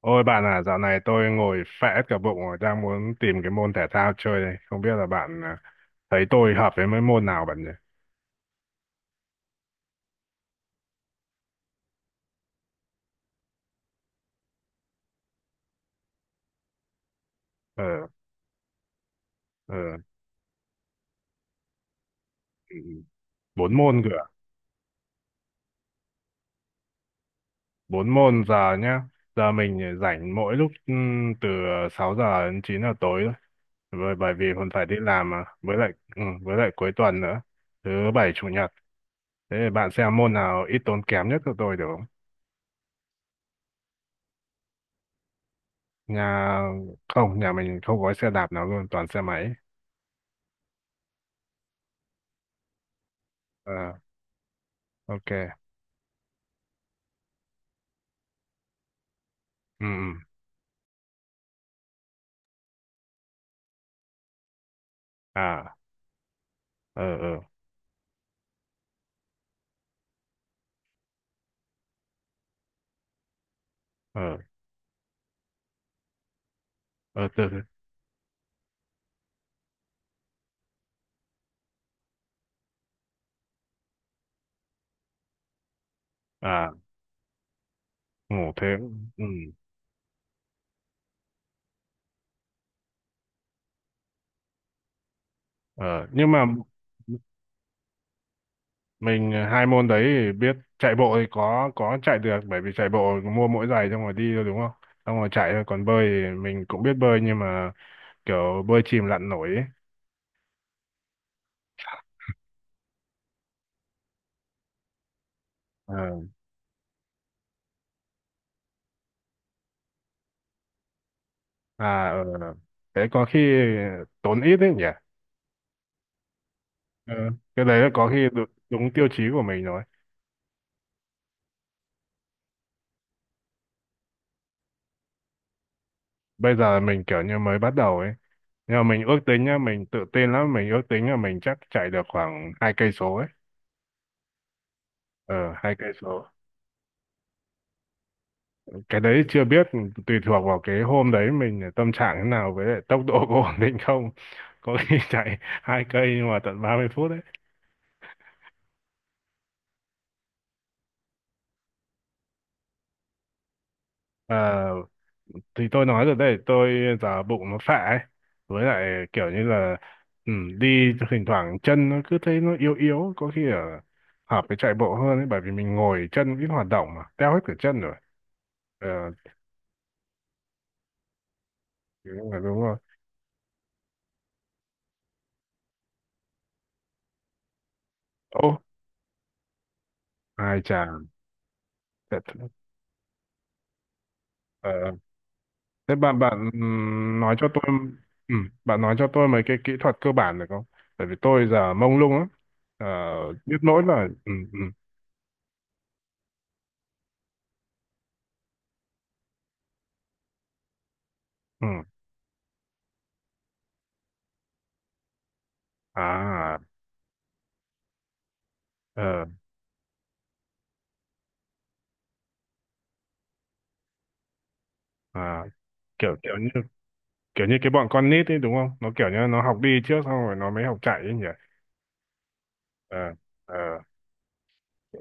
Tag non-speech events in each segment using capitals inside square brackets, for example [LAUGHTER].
Ôi bạn à, dạo này tôi ngồi phẽ cả bụng rồi, đang muốn tìm cái môn thể thao chơi đây. Không biết là bạn à, thấy tôi hợp với mấy môn nào bạn nhỉ? Ờ, ờ, ừ, bốn môn cửa, bốn môn giờ nhá. Giờ mình rảnh mỗi lúc từ 6 giờ đến 9 giờ tối thôi. Bởi vì còn phải đi làm mà, với lại cuối tuần nữa, thứ bảy chủ nhật. Thế thì bạn xem môn nào ít tốn kém nhất cho tôi được không? Nhà không, nhà mình không có xe đạp nào luôn, toàn xe máy. Ờ, ok. Ừ, ừ. À. Ờ, ờ, ờ, ờ. Từ từ. À, ngủ thế. Ừ. Ờ. Nhưng mà mình hai môn đấy thì biết. Chạy bộ thì có chạy được, bởi vì chạy bộ mua mỗi giày xong rồi đi thôi, đúng không? Xong rồi chạy thôi. Còn bơi thì mình cũng biết bơi, nhưng mà kiểu bơi chìm lặn nổi ấy. Ờ. À, ờ, ờ. Thế có khi tốn ít đấy nhỉ. Ờ, cái đấy là có khi đúng, đúng tiêu chí của mình rồi. Bây giờ mình kiểu như mới bắt đầu ấy, nhưng mà mình ước tính nhá, mình tự tin lắm, mình ước tính là mình chắc chạy được khoảng 2 cây số ấy. Ờ, 2 cây số. Cái đấy chưa biết, tùy thuộc vào cái hôm đấy mình tâm trạng thế nào, với lại tốc độ có [LAUGHS] ổn định không. Có khi [LAUGHS] chạy 2 cây nhưng mà tận 30 phút. Đấy thì tôi nói rồi đây, tôi giả bụng nó phệ ấy, với lại kiểu như là ừ, đi thỉnh thoảng chân nó cứ thấy nó yếu yếu, có khi ở hợp với chạy bộ hơn ấy, bởi vì mình ngồi chân ít hoạt động mà teo hết cả chân rồi. Ờ, thì đúng rồi, đúng rồi. Ô, ai chà. Thế, ờ, thế bạn bạn nói cho tôi. Ừ, bạn nói cho tôi mấy cái kỹ thuật cơ bản được không? Bởi vì tôi giờ mông lung lắm. ờ, biết nỗi là. Ừ, ừ, ừ. À. Ờ. À, kiểu kiểu như cái bọn con nít ấy, đúng không? Nó kiểu như nó học đi trước, xong rồi nó mới học chạy ấy nhỉ. Ờ, ờ.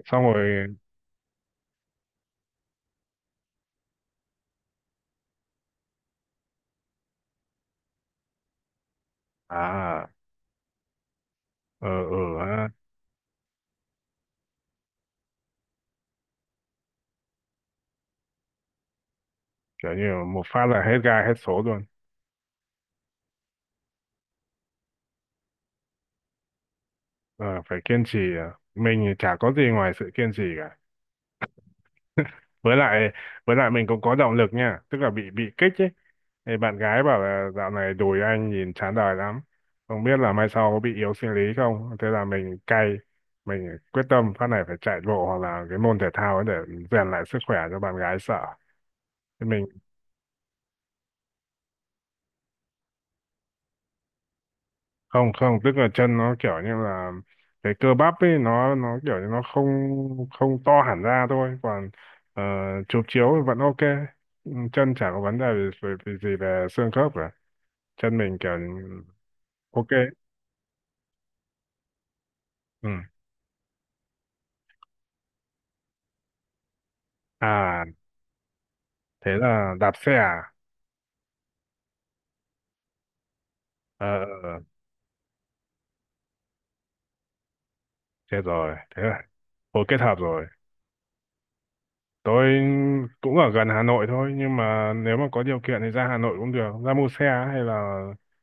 Xong rồi. À. Ờ, ừ ha. Kiểu như một phát là hết gai hết số luôn. Ờ, phải kiên trì à. Mình thì chả có gì ngoài sự kiên trì, với lại với lại mình cũng có động lực nha, tức là bị kích ấy. Thì bạn gái bảo là dạo này đùi anh nhìn chán đời lắm, không biết là mai sau có bị yếu sinh lý không, thế là mình cay. Mình quyết tâm phát này phải chạy bộ hoặc là cái môn thể thao ấy để rèn lại sức khỏe cho bạn gái sợ. Thì mình không, không, tức là chân nó kiểu như là cái cơ bắp ấy nó kiểu như nó không không to hẳn ra thôi. Còn ờ, chụp chiếu thì vẫn ok. Ừ, chân chả có vấn đề gì, gì về xương khớp cả. Chân mình kiểu ok. Ừ. À, thế là đạp xe à? Ờ, ờ, ờ, chết rồi, thế là hồi kết hợp rồi. Tôi cũng ở gần Hà Nội thôi, nhưng mà nếu mà có điều kiện thì ra Hà Nội cũng được, ra mua xe hay là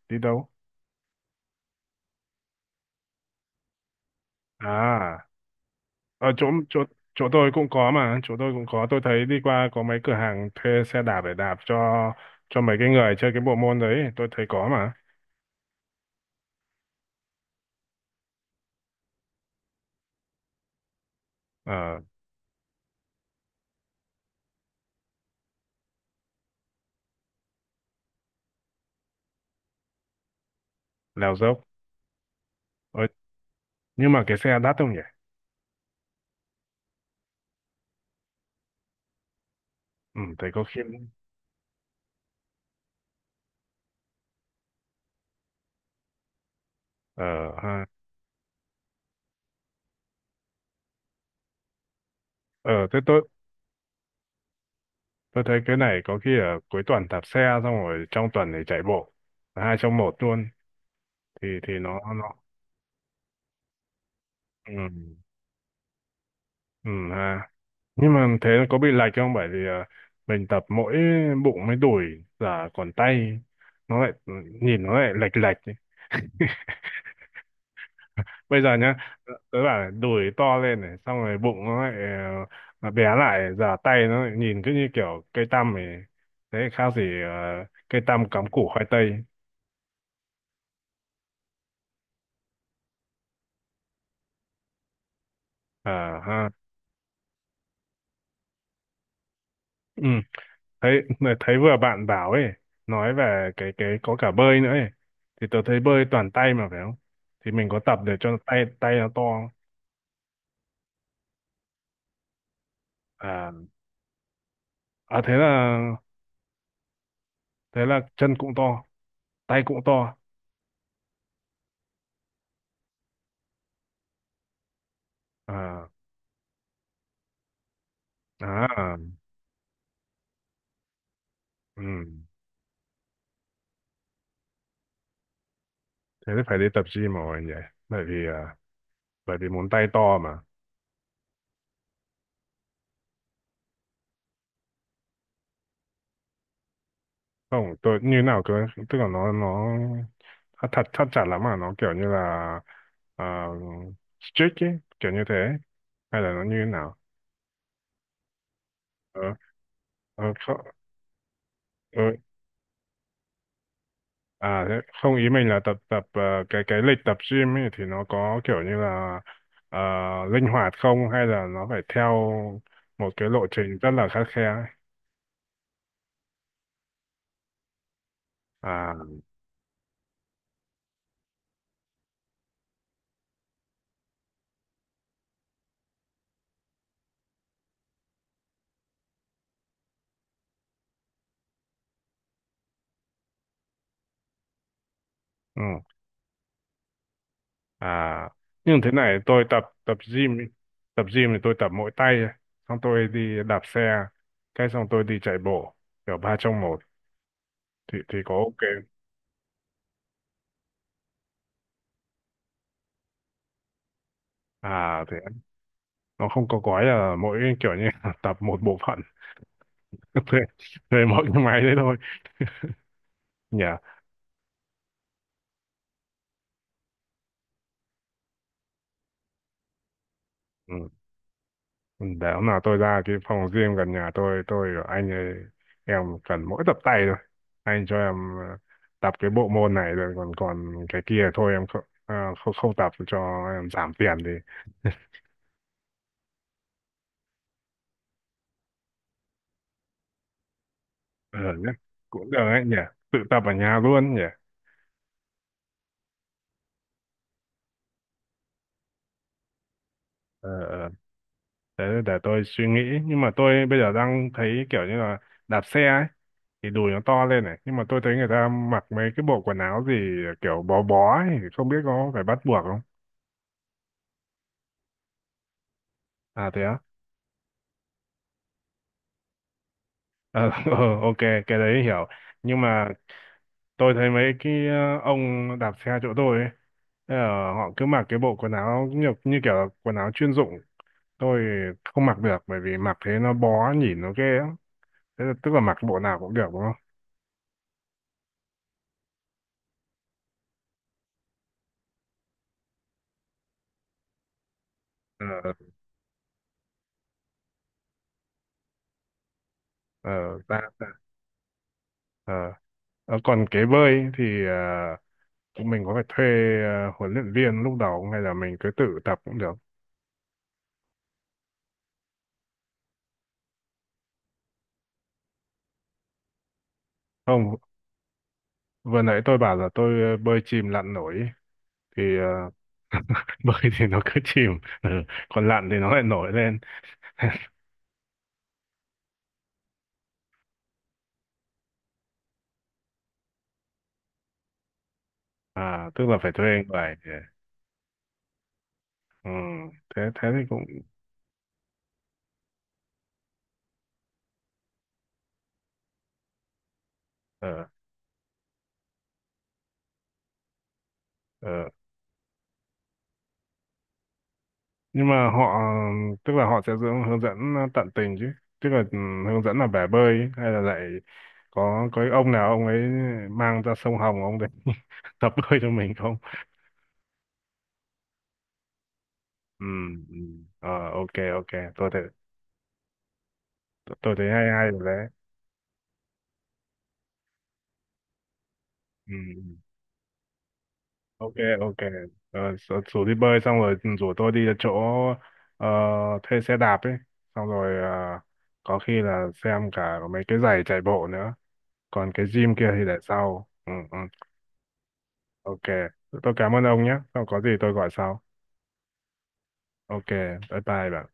đi đâu. À, ở chỗ chỗ chỗ tôi cũng có mà, chỗ tôi cũng có. Tôi thấy đi qua có mấy cửa hàng thuê xe đạp để đạp cho mấy cái người chơi cái bộ môn đấy, tôi thấy có mà. Ờ. Leo dốc. Ôi, nhưng mà cái xe đắt không nhỉ? Ừ, thấy có khi. Ờ ha. Ờ, thế tôi thấy cái này có khi ở cuối tuần đạp xe, xong rồi trong tuần thì chạy bộ, hai trong một luôn. Thì nó. Ừ. Ừ ha. Nhưng mà thế có bị lệch không? Bởi vì mình tập mỗi bụng mới đùi, giờ còn tay nó lại, nhìn nó lại lệch lệch ấy. Bây giờ nhá, tớ bảo đùi to lên này, xong rồi bụng nó lại bé lại, giờ tay nó lại nhìn cứ như kiểu cây tăm ấy, thế khác gì cây tăm cắm củ khoai tây. À ha. Ừ, thấy thấy vừa bạn bảo ấy, nói về cái có cả bơi nữa ấy. Thì tớ thấy bơi toàn tay mà phải không? Thì mình có tập để cho tay tay nó to. À. À, thế là chân cũng to, tay cũng to. À, à. Ừ. Thế thì phải đi tập gym rồi nhỉ. Bởi vì à, bởi vì muốn tay to. Không, tôi như nào, tôi tức là nó thật thật thắt chặt lắm, mà nó kiểu như là uh, strict ấy, kiểu như thế, hay là nó như thế nào? Ờ, ờ, không, ờ. À, thế không, ý mình là tập tập cái lịch tập gym ấy thì nó có kiểu như là ờ, linh hoạt không, hay là nó phải theo một cái lộ trình rất là khắt khe ấy? À, ừ. À, nhưng thế này tôi tập tập gym, ý. Tập gym thì tôi tập mỗi tay, ấy. Xong tôi đi đạp xe, cái xong tôi đi chạy bộ, kiểu ba trong một, thì có ok. À thế nó không có gói là mỗi kiểu như là [LAUGHS] tập một bộ phận [LAUGHS] thuê thuê mỗi cái máy đấy thôi nhỉ. Ừ. Ừ, để hôm nào tôi ra cái phòng gym gần nhà, tôi bảo anh ơi, em cần mỗi tập tay thôi, anh cho em tập cái bộ môn này rồi, còn còn cái kia thôi, em không ờ, không, không tập, cho em giảm tiền thì. Ờ nhá, cũng được ấy nhỉ, tự tập ở nhà luôn nhỉ. Ờ, ờ. Thế để tôi suy nghĩ. Nhưng mà tôi bây giờ đang thấy kiểu như là đạp xe ấy thì đùi nó to lên này, nhưng mà tôi thấy người ta mặc mấy cái bộ quần áo gì kiểu bó bó ấy, không biết có phải bắt buộc không. À thế á. Ờ, [LAUGHS] ờ, ok cái đấy hiểu. Nhưng mà tôi thấy mấy cái ông đạp xe chỗ tôi ấy, ờ, họ cứ mặc cái bộ quần áo như kiểu là quần áo chuyên dụng. Tôi không mặc được bởi vì mặc thế nó bó, nhìn nó ghê lắm. Thế là, tức là mặc bộ nào cũng được đúng không? Ờ, ờ, ra ra. Ờ. Ờ, còn cái bơi thì mình có phải thuê huấn luyện viên lúc đầu không? Hay là mình cứ tự tập cũng được? Không, vừa nãy tôi bảo là tôi bơi chìm lặn nổi ấy. Thì [LAUGHS] bơi thì nó cứ chìm. Ừ. Còn lặn thì nó lại nổi lên. À, tức là phải thuê người để. Ừ. thế thế thì cũng. Ờ, ờ. Nhưng mà họ, tức là họ sẽ hướng hướng dẫn tận tình chứ, tức là ừ, hướng dẫn là bể bơi ấy, hay là lại có cái ông nào ông ấy mang ra sông Hồng, ông đấy [LAUGHS] tập bơi cho mình không? Ừ, ừ. Ờ, ok, ok, Tôi thấy hay hay rồi đấy. Ừ, ừ. OK. OK，sợ- rủ rủ đi bơi, xong rồi ừ, rủ tôi đi chỗ ờ, thuê xe đạp ấy, xong rồi có khi là xem cả mấy cái giày chạy bộ nữa, còn cái gym kia thì để sau. Ừ, ừ. OK, tôi cảm ơn ông nhé, xong có gì tôi gọi sau. OK, bye bye bạn.